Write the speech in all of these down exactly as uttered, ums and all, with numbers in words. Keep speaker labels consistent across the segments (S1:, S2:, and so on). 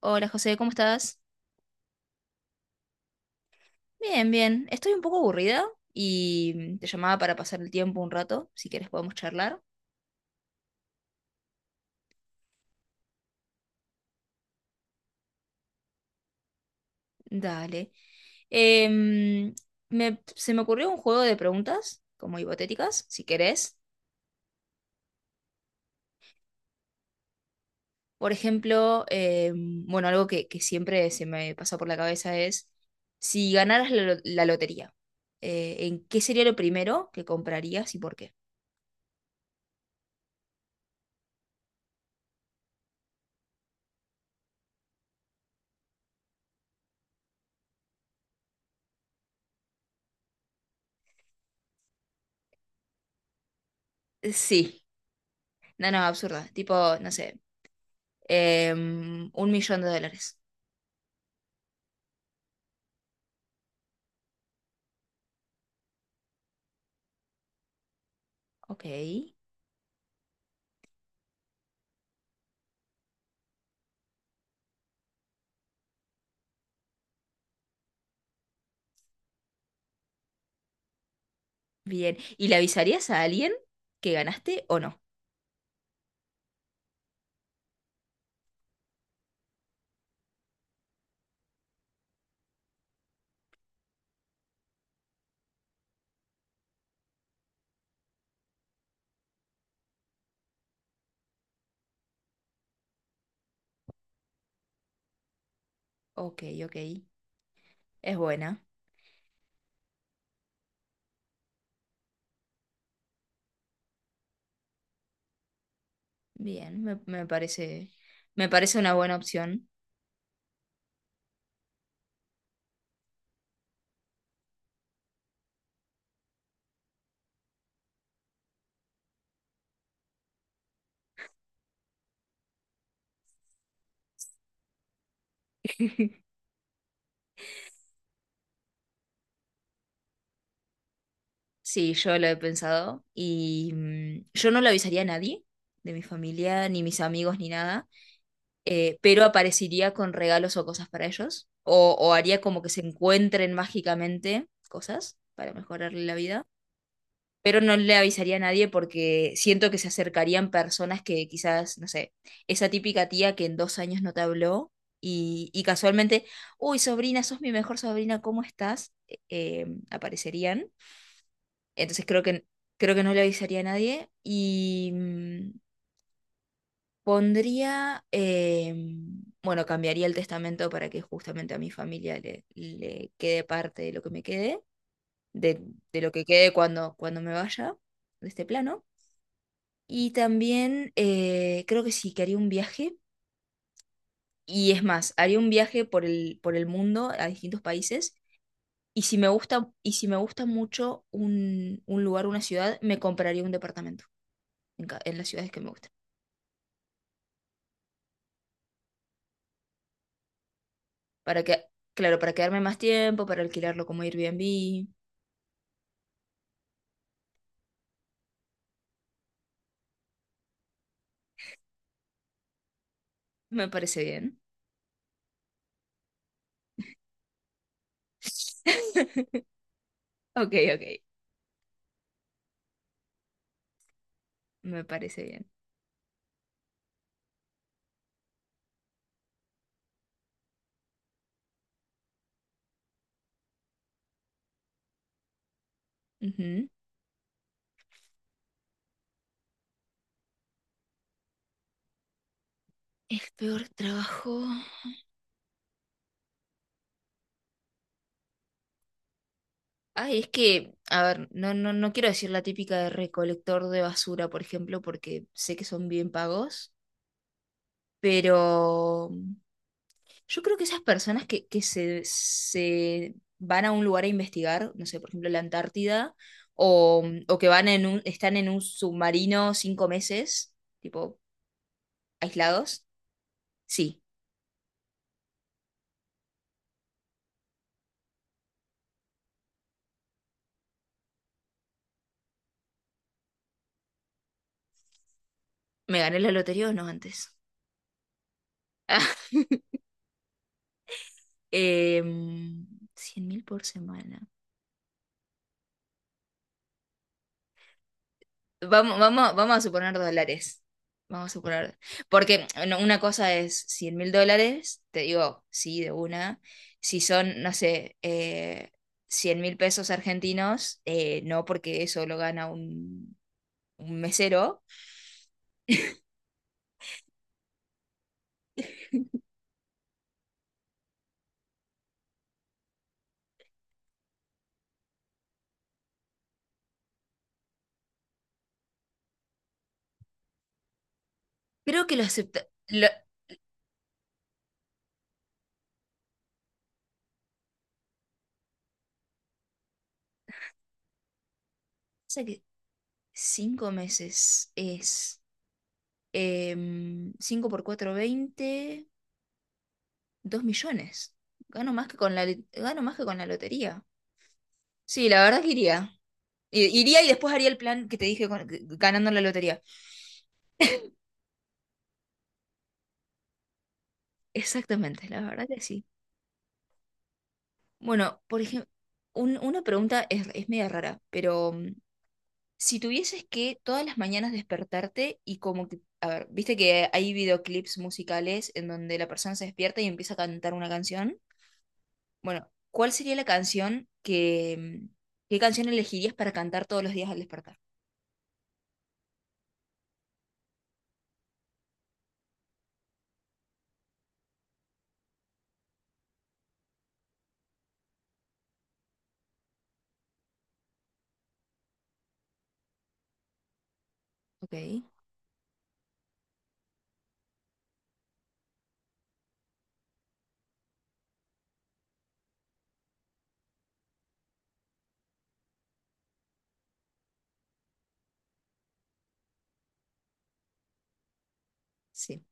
S1: Hola José, ¿cómo estás? Bien, bien. Estoy un poco aburrida y mm, te llamaba para pasar el tiempo un rato. Si quieres podemos charlar. Dale. Em, me- se me ocurrió un juego de preguntas, como hipotéticas, si querés. Por ejemplo, em, bueno, algo que, que siempre se me pasa por la cabeza es, si ganaras la, lo- la lotería, eh, ¿en qué sería lo primero que comprarías y por qué? Sí, no, no, absurda. Tipo, no sé, em, un millón de dólares. Ok, bien. ¿Y le avisarías a alguien que ganaste o no? Ok, ok. Es buena. Bien, me, me parece, me parece una buena opción. Sí, yo lo he pensado y mm, yo no lo avisaría a nadie de mi familia, ni mis amigos, ni nada, eh, pero aparecería con regalos o cosas para ellos, o, o haría como que se encuentren mágicamente cosas para mejorarle la vida. Pero no le avisaría a nadie porque siento que se acercarían personas que quizás, no sé, esa típica tía que en dos años no te habló y, y casualmente, uy, sobrina, sos mi mejor sobrina, ¿cómo estás? eh, em, aparecerían. Entonces creo que, creo que no le avisaría a nadie y mm, pondría, eh, bueno, cambiaría el testamento para que justamente a mi familia le, le quede parte de lo que me quede, de, de lo que quede cuando, cuando me vaya de este plano. Y también eh, creo que sí, que haría un viaje. Y es más, haría un viaje por el, por el mundo a distintos países. Y si me gusta, y si me gusta mucho un, un lugar, una ciudad, me compraría un departamento en, ca- en las ciudades que me gustan. Para que, claro, para quedarme más tiempo, para alquilarlo como Airbnb. Me parece bien. Ok, ok. Me parece bien. Ujú. El peor trabajo. Ay, es que, a ver, no, no, no quiero decir la típica de recolector de basura, por ejemplo, porque sé que son bien pagos, pero mm, yo creo que esas personas que, que se, se van a un lugar a investigar, no sé, por ejemplo, la Antártida, o, mm, o que van en un, están en un submarino cinco meses, tipo, aislados, sí, me gané la lotería o no antes. Cien mil por semana. Vamos, vamos, vamos a suponer dólares. Vamos a suponer. Porque no, una cosa es cien mil dólares, te digo, sí, de una. Si son, no sé, eh, cien mil pesos argentinos, eh, no, porque eso lo gana un, un mesero. Creo que lo acepta. Lo, sé que cinco meses es em, cinco por cuatro veinte dos millones. Gano más que con la, gano más que con la lotería. Sí, la verdad que iría. Iría y después haría el plan que te dije con- ganando la lotería. Exactamente, la verdad que sí. Bueno, por ejemplo, una pregunta es, es media rara, pero mm, si tuvieses que todas las mañanas despertarte y como que, a ver, viste que hay videoclips musicales en donde la persona se despierta y empieza a cantar una canción. Bueno, ¿cuál sería la canción que, mm, qué canción elegirías para cantar todos los días al despertar? Ok, sí.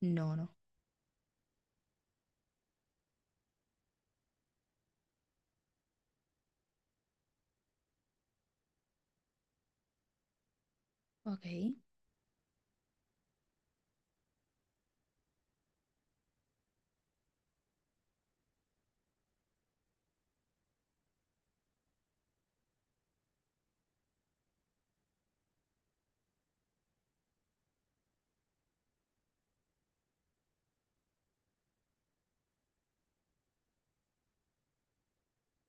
S1: No, no. Ok,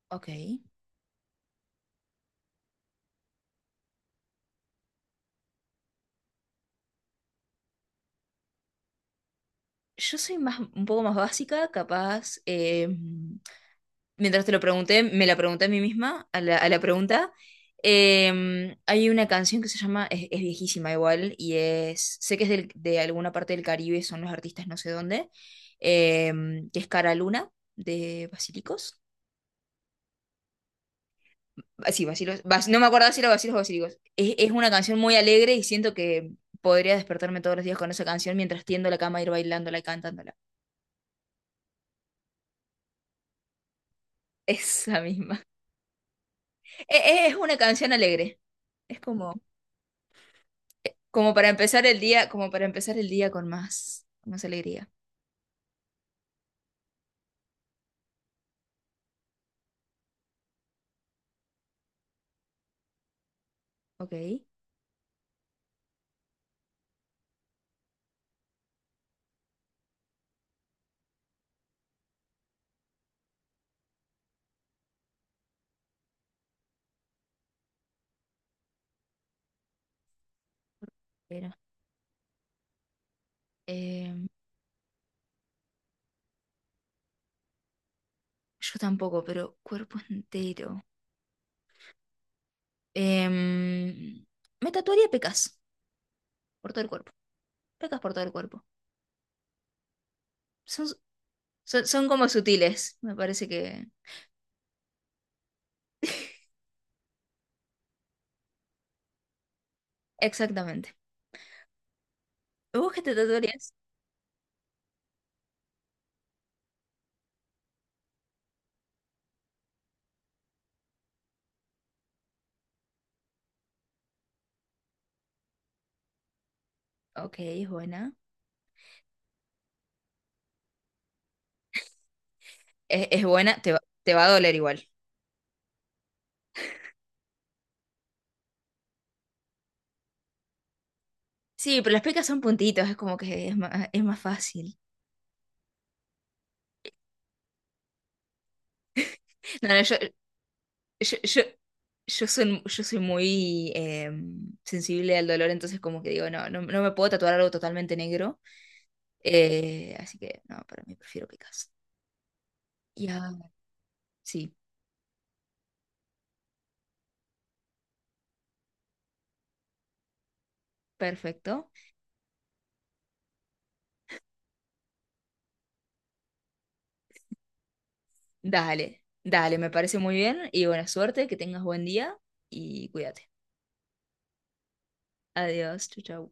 S1: ok. Yo soy más, un poco más básica, capaz. eh, mientras te lo pregunté, me la pregunté a mí misma, a la, a la pregunta. Eh, hay una canción que se llama, es, es viejísima igual, y es, sé que es del- de alguna parte del Caribe, son los artistas no sé dónde, eh, que es Cara Luna, de Basilicos. Ah, sí, Basilos, Bas- no me acuerdo si era Basilos o Basilicos. Es, es una canción muy alegre y siento que podría despertarme todos los días con esa canción mientras tiendo la cama, ir bailándola y cantándola. Esa misma. e- Es una canción alegre. Es como, como para empezar el día, como para empezar el día con más, con más alegría. Ok. Pero, em, yo tampoco, pero cuerpo entero. Em, me tatuaría pecas por todo el cuerpo. Pecas por todo el cuerpo. Son, son, son como sutiles, me parece que. Exactamente. ¿Vos qué te tatuarías? Ok, es buena. Es, es buena, te va, te va a doler igual. Sí, pero las pecas son puntitos, es como que es más, es más fácil. No, no, yo, Yo, yo, yo soy, yo soy muy eh, sensible al dolor, entonces como que digo, no, no, no me puedo tatuar algo totalmente negro. eh, así que no, para mí prefiero Picasso. Ya, sí, perfecto. Dale, dale, me parece muy bien. Y buena suerte, que tengas buen día y cuídate. Adiós, chau, chau.